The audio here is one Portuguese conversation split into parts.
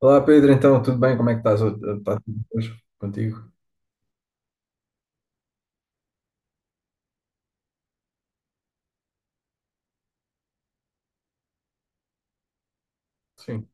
Olá Pedro, então tudo bem? Como é que estás? Está tudo hoje contigo? Sim.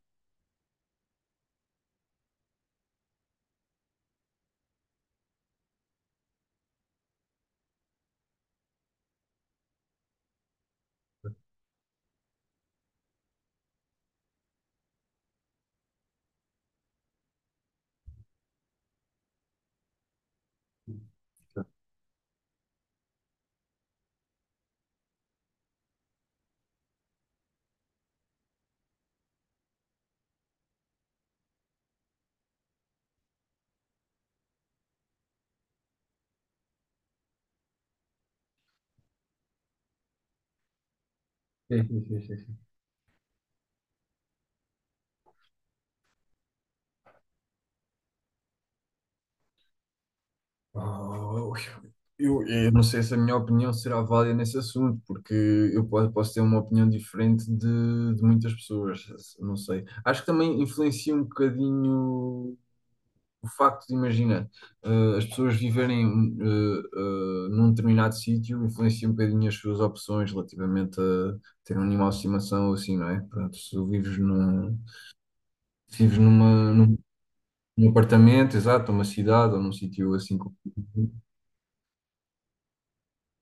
Sim, sim, sim, sim. Oh, eu não sei se a minha opinião será válida nesse assunto, porque eu posso, posso ter uma opinião diferente de muitas pessoas, não sei. Acho que também influencia um bocadinho o facto de, imagina, as pessoas viverem num determinado sítio, influencia um bocadinho as suas opções relativamente a ter um animal de estimação ou assim, não é? Portanto, se tu vives num... Se vives numa, num apartamento, exato, numa cidade ou num sítio assim, com...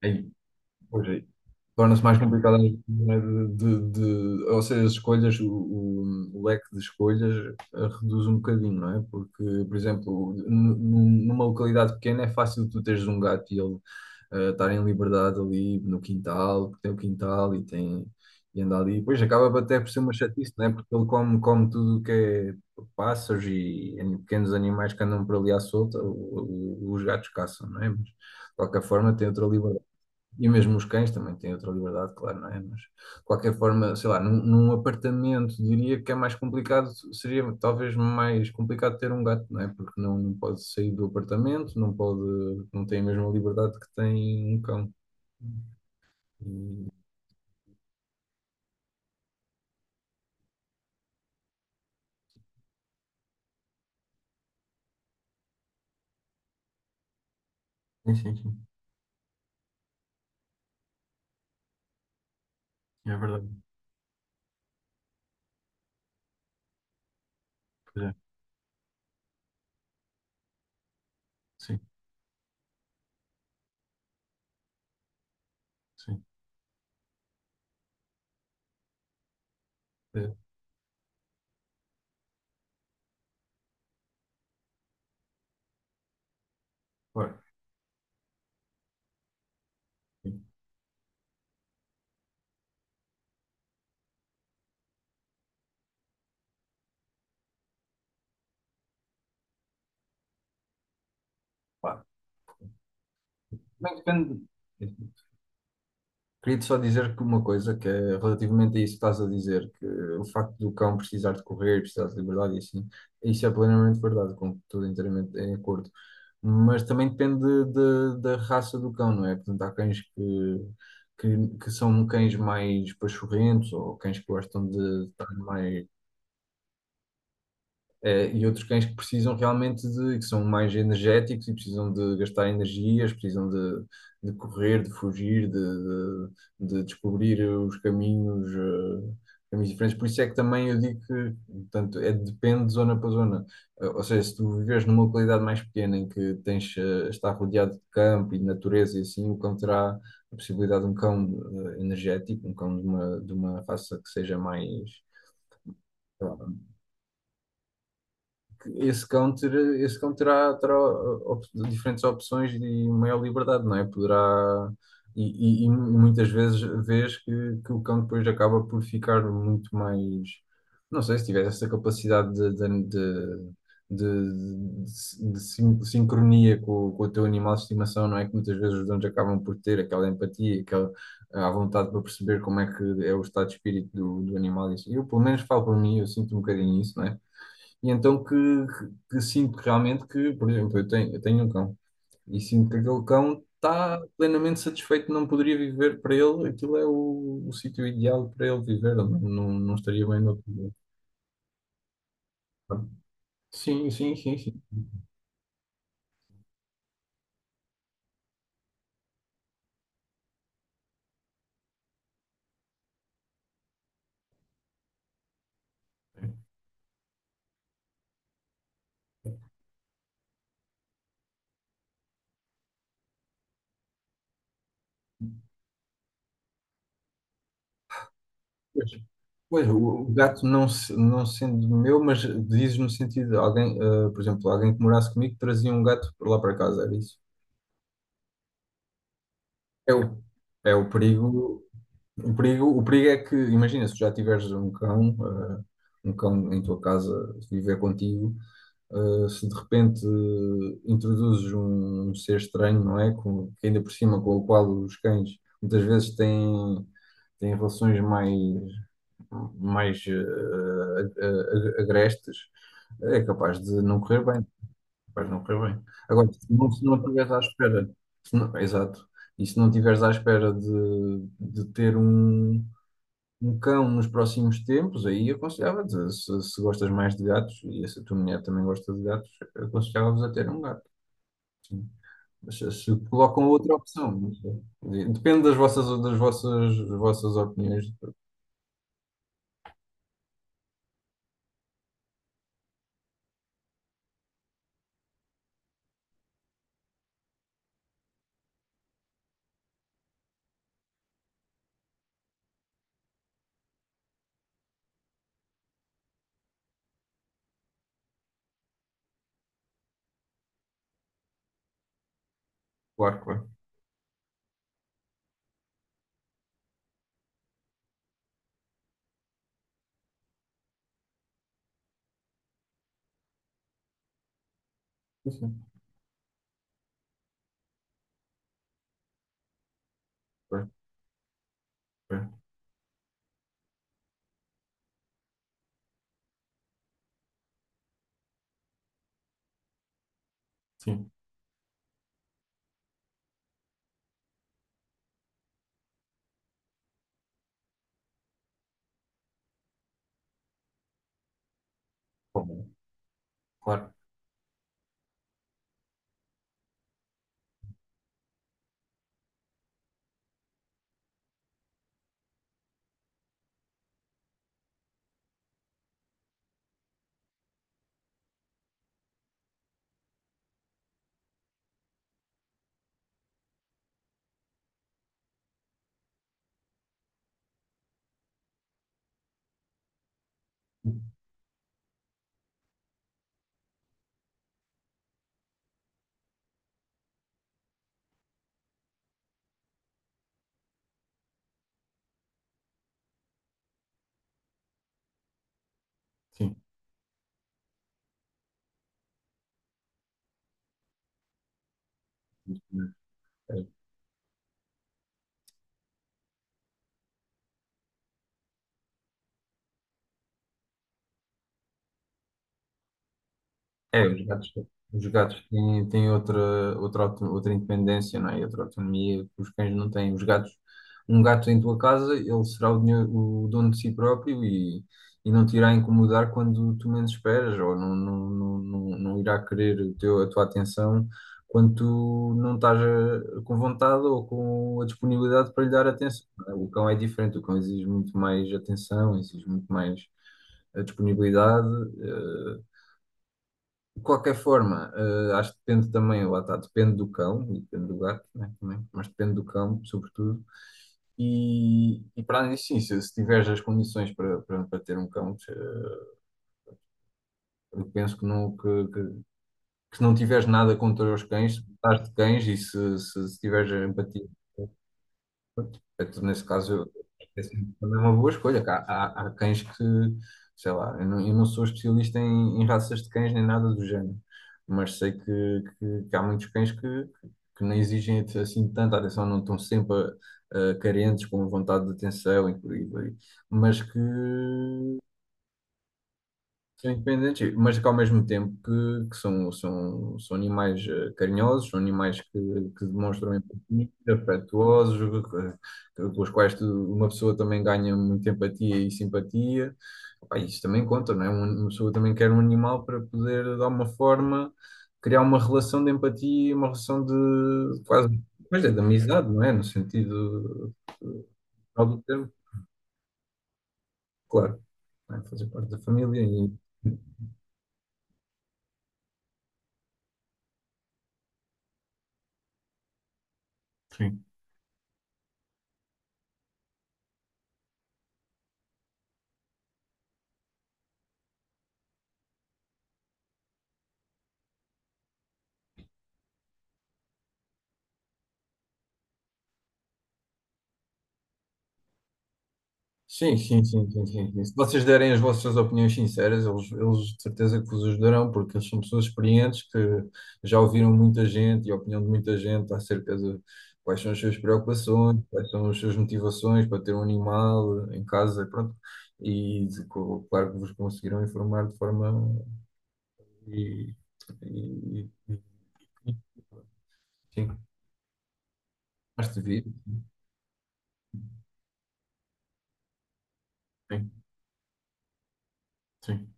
Aí, pois aí. Torna-se mais complicado às... é, de, ou seja, as escolhas, o leque de escolhas reduz um bocadinho, não é? Porque, por exemplo, numa localidade pequena é fácil tu teres um gato e ele estar em liberdade ali no quintal, porque tem o quintal e tem e anda ali. Pois acaba até por ser uma chatice, não é? Porque ele come, come tudo o que é pássaros e pequenos animais que andam por ali à solta, os gatos caçam, não é? Mas de qualquer forma tem outra liberdade. E mesmo os cães também têm outra liberdade, claro, não é? Mas de qualquer forma, sei lá, num apartamento diria que é mais complicado, seria talvez mais complicado ter um gato, não é? Porque não, não pode sair do apartamento, não pode, não tem a mesma liberdade que tem um cão. E... Sim, sim, sim, é verdade. Pois é, sim, sim. Pois é. Claro, sim. Pá, bem, depende. Queria-te só dizer que uma coisa que é relativamente a isso que estás a dizer, que o facto do cão precisar de correr, precisar de liberdade e assim, isso é plenamente verdade, com tudo inteiramente em acordo. Mas também depende de... da raça do cão, não é? Portanto, há cães que, que são cães mais pachorrentos ou cães que gostam de estar mais e outros cães que precisam realmente de, que são mais energéticos e precisam de gastar energias, precisam de correr, de fugir, de descobrir os caminhos, caminhos diferentes. Por isso é que também eu digo que, portanto, é, depende de zona para zona. Ou seja, se tu viveres numa localidade mais pequena em que tens, está rodeado de campo e de natureza e assim, o cão terá a possibilidade de um cão, energético, um cão de uma raça que seja mais... sei lá, esse cão, ter, esse cão terá, terá diferentes opções e maior liberdade, não é? Poderá. E, e muitas vezes vês que o cão depois acaba por ficar muito mais. Não sei, se tiver essa capacidade de sincronia com, com o teu animal de estimação, não é? Que muitas vezes os donos acabam por ter aquela empatia, aquela à vontade para perceber como é que é o estado de espírito do, do animal. Isso... Eu, pelo menos, falo para mim, eu sinto um bocadinho isso, não é? E então que sinto que realmente que, por exemplo, eu tenho um cão e sinto que aquele cão está plenamente satisfeito, não poderia viver para ele, aquilo é o sítio ideal para ele viver, não, não, não estaria bem no outro lugar. Sabe? Sim, sim, sim, sim. Pois, pois, o gato não, não sendo meu, mas dizes no sentido de alguém, ah, por exemplo, alguém que morasse comigo trazia um gato para lá para casa, era isso. É é o perigo. O perigo, o perigo é que, imagina, se tu já tiveres um cão, eh, um cão em tua casa viver contigo, se de repente introduzes um ser estranho, não é? Com, que ainda por cima com o qual os cães muitas vezes têm, têm relações mais, mais agrestes, é capaz de não correr bem, capaz de não correr bem. Agora, se não, se não estiveres à espera, se não... exato, e se não estiveres à espera de ter um um cão nos próximos tempos, aí aconselhava-te, se gostas mais de gatos, e se a tua mulher também gosta de gatos, aconselhava-vos a ter um gato. Sim. Mas se colocam outra opção, não sei. Quer dizer, depende das vossas, das vossas, das vossas opiniões, claro, claro. Sim, sim, claro, claro, sim, bom, claro, sim. É, os gatos têm, têm outra, outra, outra independência, não é? E outra autonomia que os cães não têm. Os gatos, um gato em tua casa, ele será o dono de si próprio e não te irá incomodar quando tu menos esperas, ou não, não, não, não, não irá querer o teu, a tua atenção quando tu não estás com vontade ou com a disponibilidade para lhe dar atenção, não é? O cão é diferente, o cão exige muito mais atenção, exige muito mais a disponibilidade. eh, de qualquer forma, acho que depende também, lá está, depende do cão e depende do gato, né, também, mas depende do cão, sobretudo. E para além disso, sim, se tiveres as condições para, para, para ter um cão, eu penso que não, que se não tiveres nada contra os cães, se gostares de cães e se tiveres empatia. Portanto, nesse caso, eu... é sempre também uma boa escolha. Que há, há, há cães que, sei lá, eu não sou especialista em, em raças de cães nem nada do género, mas sei que há muitos cães que não exigem assim tanta atenção, não estão sempre carentes, com vontade de atenção e por aí vai. Mas que são independentes, mas que ao mesmo tempo que são, são, são animais carinhosos, são animais que demonstram empatia, afetuosos, que- com os quais uma pessoa também ganha muita empatia e simpatia. Pá, isso também conta, não é? Um... uma pessoa também quer um animal para poder, de alguma forma, criar uma relação de empatia, uma relação de quase, mas é de amizade, não é? No sentido eh, geral do termo, claro, não é? Fazer parte da família e... Sim. Sim, sim, sim, sim, sim, sim. Se vocês derem as vossas opiniões sinceras, eles de certeza que vos ajudarão, porque eles são pessoas experientes que já ouviram muita gente e a opinião de muita gente acerca de quais são as suas preocupações, quais são as suas motivações para ter um animal em casa, pronto. E claro que vos conseguirão informar de forma e, e, e- e- sim, mais devido. Sim, sim,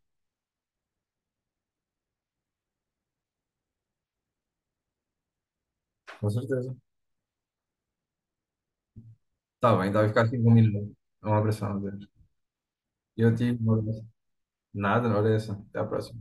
com certeza. Está bem, está a ficar aqui combinado. Um abração, adeus. E eu tive um abraço. Nada, olha essa. Até a próxima.